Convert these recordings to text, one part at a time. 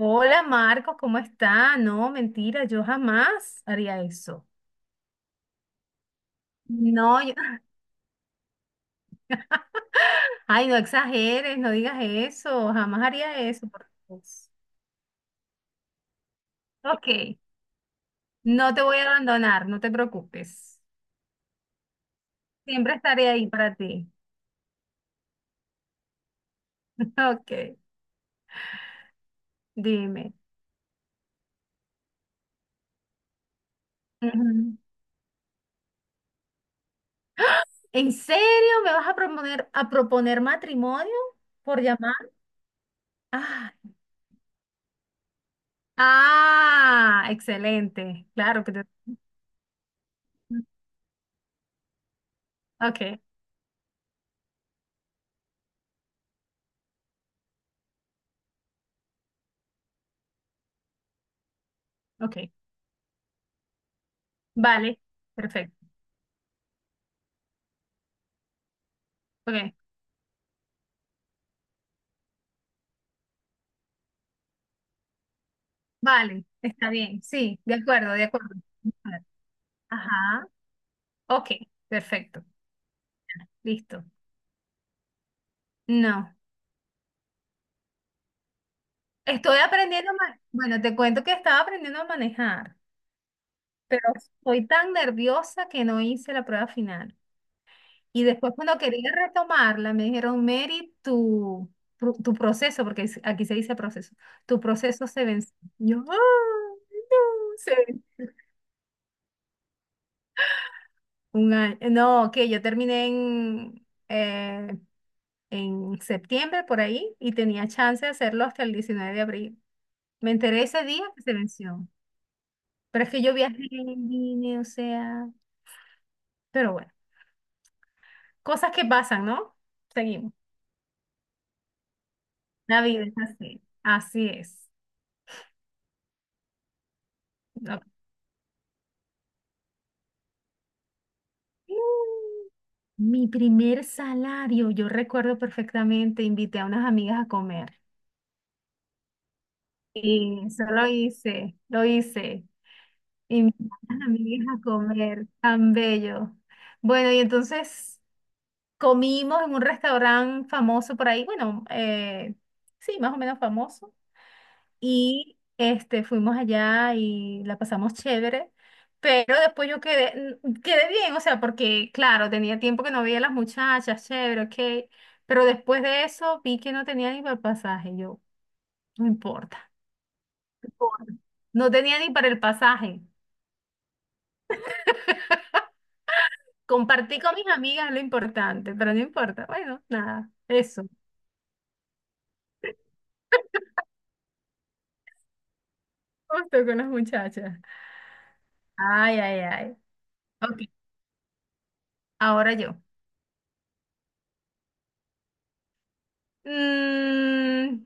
Hola Marcos, ¿cómo está? No, mentira, yo jamás haría eso. No, yo- Ay, no exageres, no digas eso, jamás haría eso. Por Dios. Ok, no te voy a abandonar, no te preocupes. Siempre estaré ahí para ti. Ok, dime. Ujú. ¿En serio me vas a proponer matrimonio por llamar? Ah, ah, excelente. Claro que te... Ok, ok. Vale, perfecto. Ok, vale, está bien, sí, de acuerdo, de acuerdo. Ajá, ok, perfecto, listo. No, estoy aprendiendo a manejar. Bueno, te cuento que estaba aprendiendo a manejar, pero estoy tan nerviosa que no hice la prueba final. Y después cuando quería retomarla, me dijeron, Mary, tu, tu proceso, porque aquí se dice proceso, tu proceso se venció. Yo, "Ah, no, se venció". Un año. No, que yo terminé en septiembre por ahí y tenía chance de hacerlo hasta el 19 de abril. Me enteré ese día que se venció, pero es que yo viajé, vine, o sea, pero bueno, cosas que pasan, ¿no? Seguimos. La vida es así, así es. Ok. Mi primer salario, yo recuerdo perfectamente, invité a unas amigas a comer. Y eso lo hice, lo hice. Invité a unas amigas a comer, tan bello. Bueno, y entonces comimos en un restaurante famoso por ahí, bueno, sí, más o menos famoso. Y este, fuimos allá y la pasamos chévere. Pero después yo quedé, quedé bien, o sea, porque claro, tenía tiempo que no veía a las muchachas, chévere, ok. Pero después de eso vi que no tenía ni para el pasaje, yo, no importa. No importa. No tenía ni para el pasaje. Compartí con mis amigas lo importante, pero no importa. Bueno, nada, eso. Justo con las muchachas. Ay, ay, ay. Ok, ahora yo. Mm,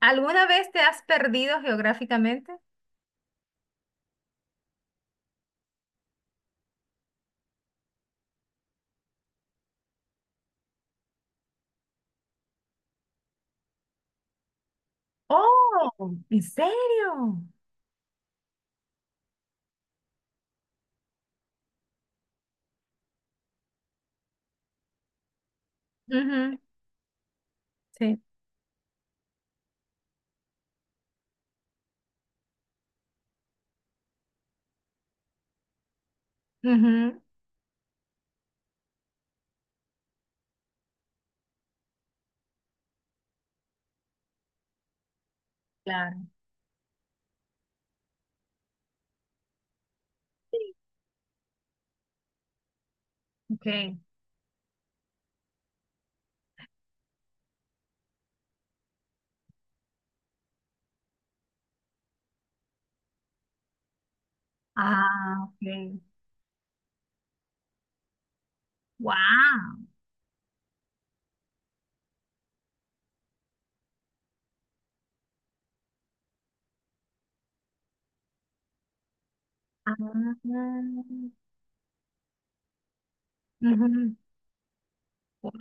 ¿alguna vez te has perdido geográficamente? Oh, ¿en serio? Ujú, sí. Ujú, claro. Ok. Ah, ok. Wow. Ah, ujú. Wow.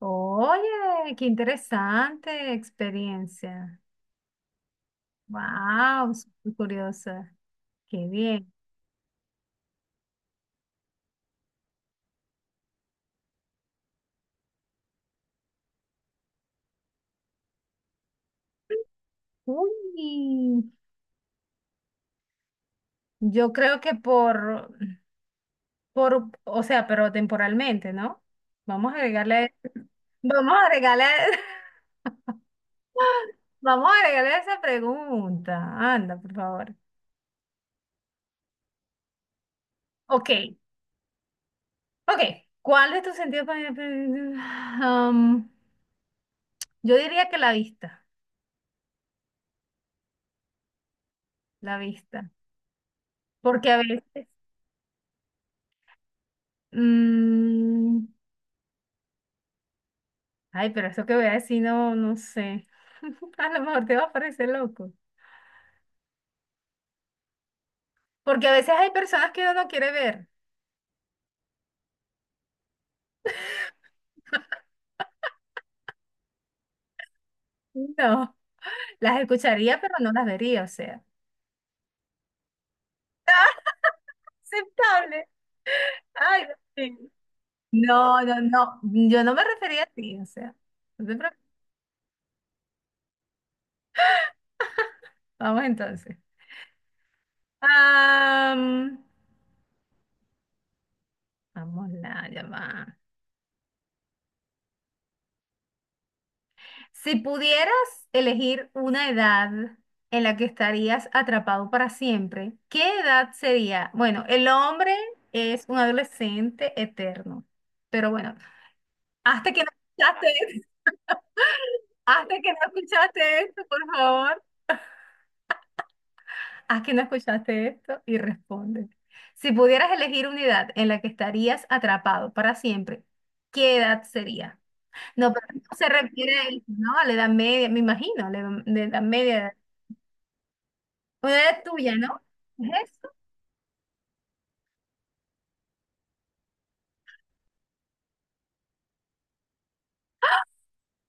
Oye, qué interesante experiencia. Wow, súper curiosa. Qué bien. Uy, yo creo que o sea, pero temporalmente, ¿no? Vamos a agregarle, vamos a agregarle, vamos a agregarle esa pregunta. Anda, por favor. Ok, ok. ¿Cuál de tus sentidos? Yo diría que la vista. Porque a veces, mm, ay, pero eso que voy a decir, no, no sé. A lo mejor te va a parecer loco. Porque a veces hay personas que uno no quiere ver. No. Las escucharía, pero no las vería, o sea. Aceptable. Ay, Dios. No, no, no. Yo no me refería a ti, o sea. No te preocupes. Vamos entonces. Am, Vamos la llamada. Si pudieras elegir una edad en la que estarías atrapado para siempre, ¿qué edad sería? Bueno, el hombre es un adolescente eterno. Pero bueno, hasta que no escuchaste, hasta que no escuchaste esto, por favor. Aquí no escuchaste esto y responde. Si pudieras elegir unidad en la que estarías atrapado para siempre, ¿qué edad sería? No, pero no se refiere a eso, ¿no? A la edad media, me imagino, a la edad de edad media. Una edad tuya, ¿no? ¿Es eso?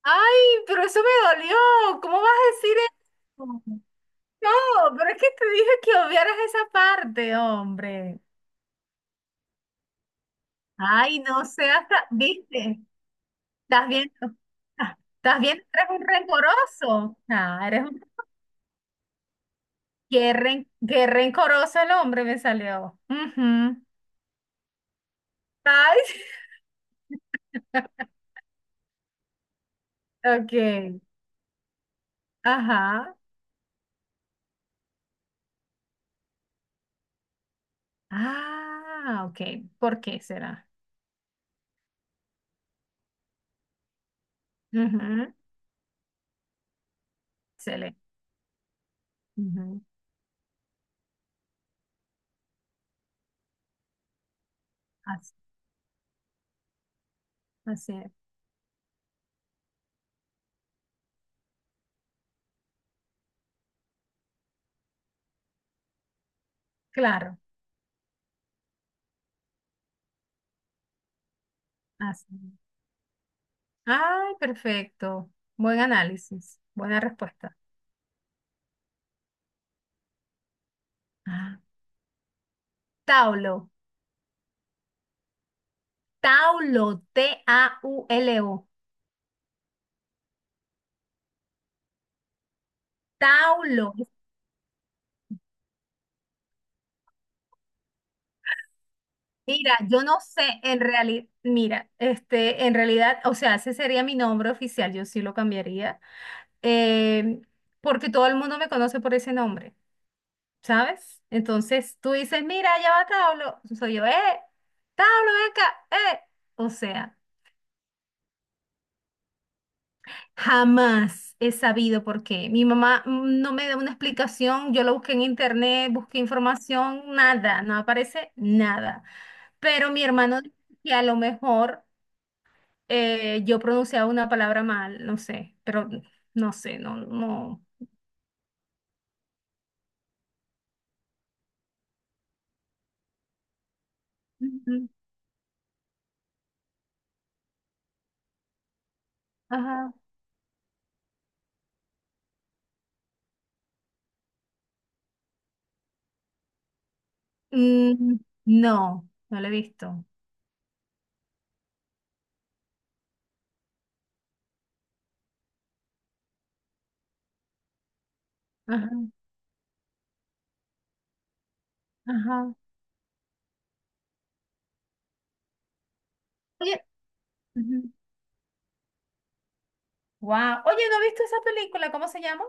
Ay, pero eso me dolió. ¿Cómo vas a decir eso? No, pero es que te dije que obviaras esa parte, hombre. Ay, no seas, tan- ¿viste? ¿Estás viendo? Ah, ¿estás viendo? Eres un rencoroso. Ah, eres un... Qué, qué rencoroso el hombre me salió. Ujú. Ay, ok. Ajá. Ah, ok. ¿Por qué será? Ujú. Excelente. Ujú. Así, así es. Claro. Así. Ay, perfecto. Buen análisis. Buena respuesta. Ah, Taulo. Taulo. TAULO. Taulo. Mira, yo no sé, en realidad, mira, este, en realidad, o sea, ese sería mi nombre oficial, yo sí lo cambiaría, eh, porque todo el mundo me conoce por ese nombre, ¿sabes? Entonces tú dices, mira, ya va Tablo, soy yo, Tablo, ven acá, eh. O sea, jamás he sabido por qué. Mi mamá no me da una explicación, yo lo busqué en internet, busqué información, nada, no aparece nada. Pero mi hermano, dice que a lo mejor yo pronunciaba una palabra mal, no sé, pero no sé, no, no. Mm. Ajá. Mm, no, no la he visto. Ajá, ajá. Oye, wow. Oye, ¿no he visto esa película? ¿Cómo se llama?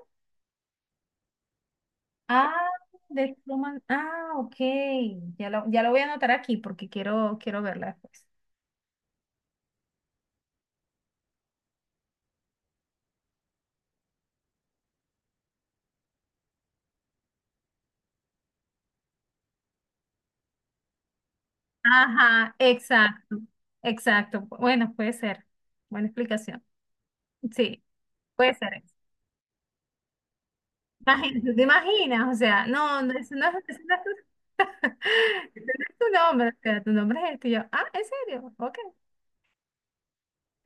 Ah, de Truman. Ah, ok. Ya lo voy a anotar aquí porque quiero, quiero verla después. Ajá, exacto, exacto. Bueno, puede ser. Buena explicación. Sí, puede ser. Imagínate, ¿tú te imaginas? O sea, no, no, eso no es tu, ese no es tu nombre, o sea, tu nombre es este. Y yo, ah, ¿en serio? Ok.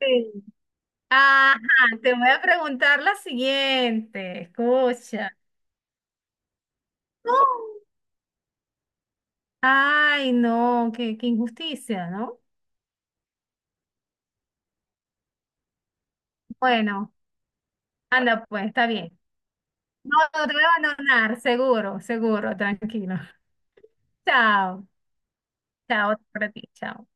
Sí. Ajá, te voy a preguntar la siguiente. Escucha. No. Ay, no, qué, qué injusticia, ¿no? Bueno, anda pues, está bien. No, no te voy a abandonar, seguro, seguro, tranquilo. Chao, chao para ti, chao.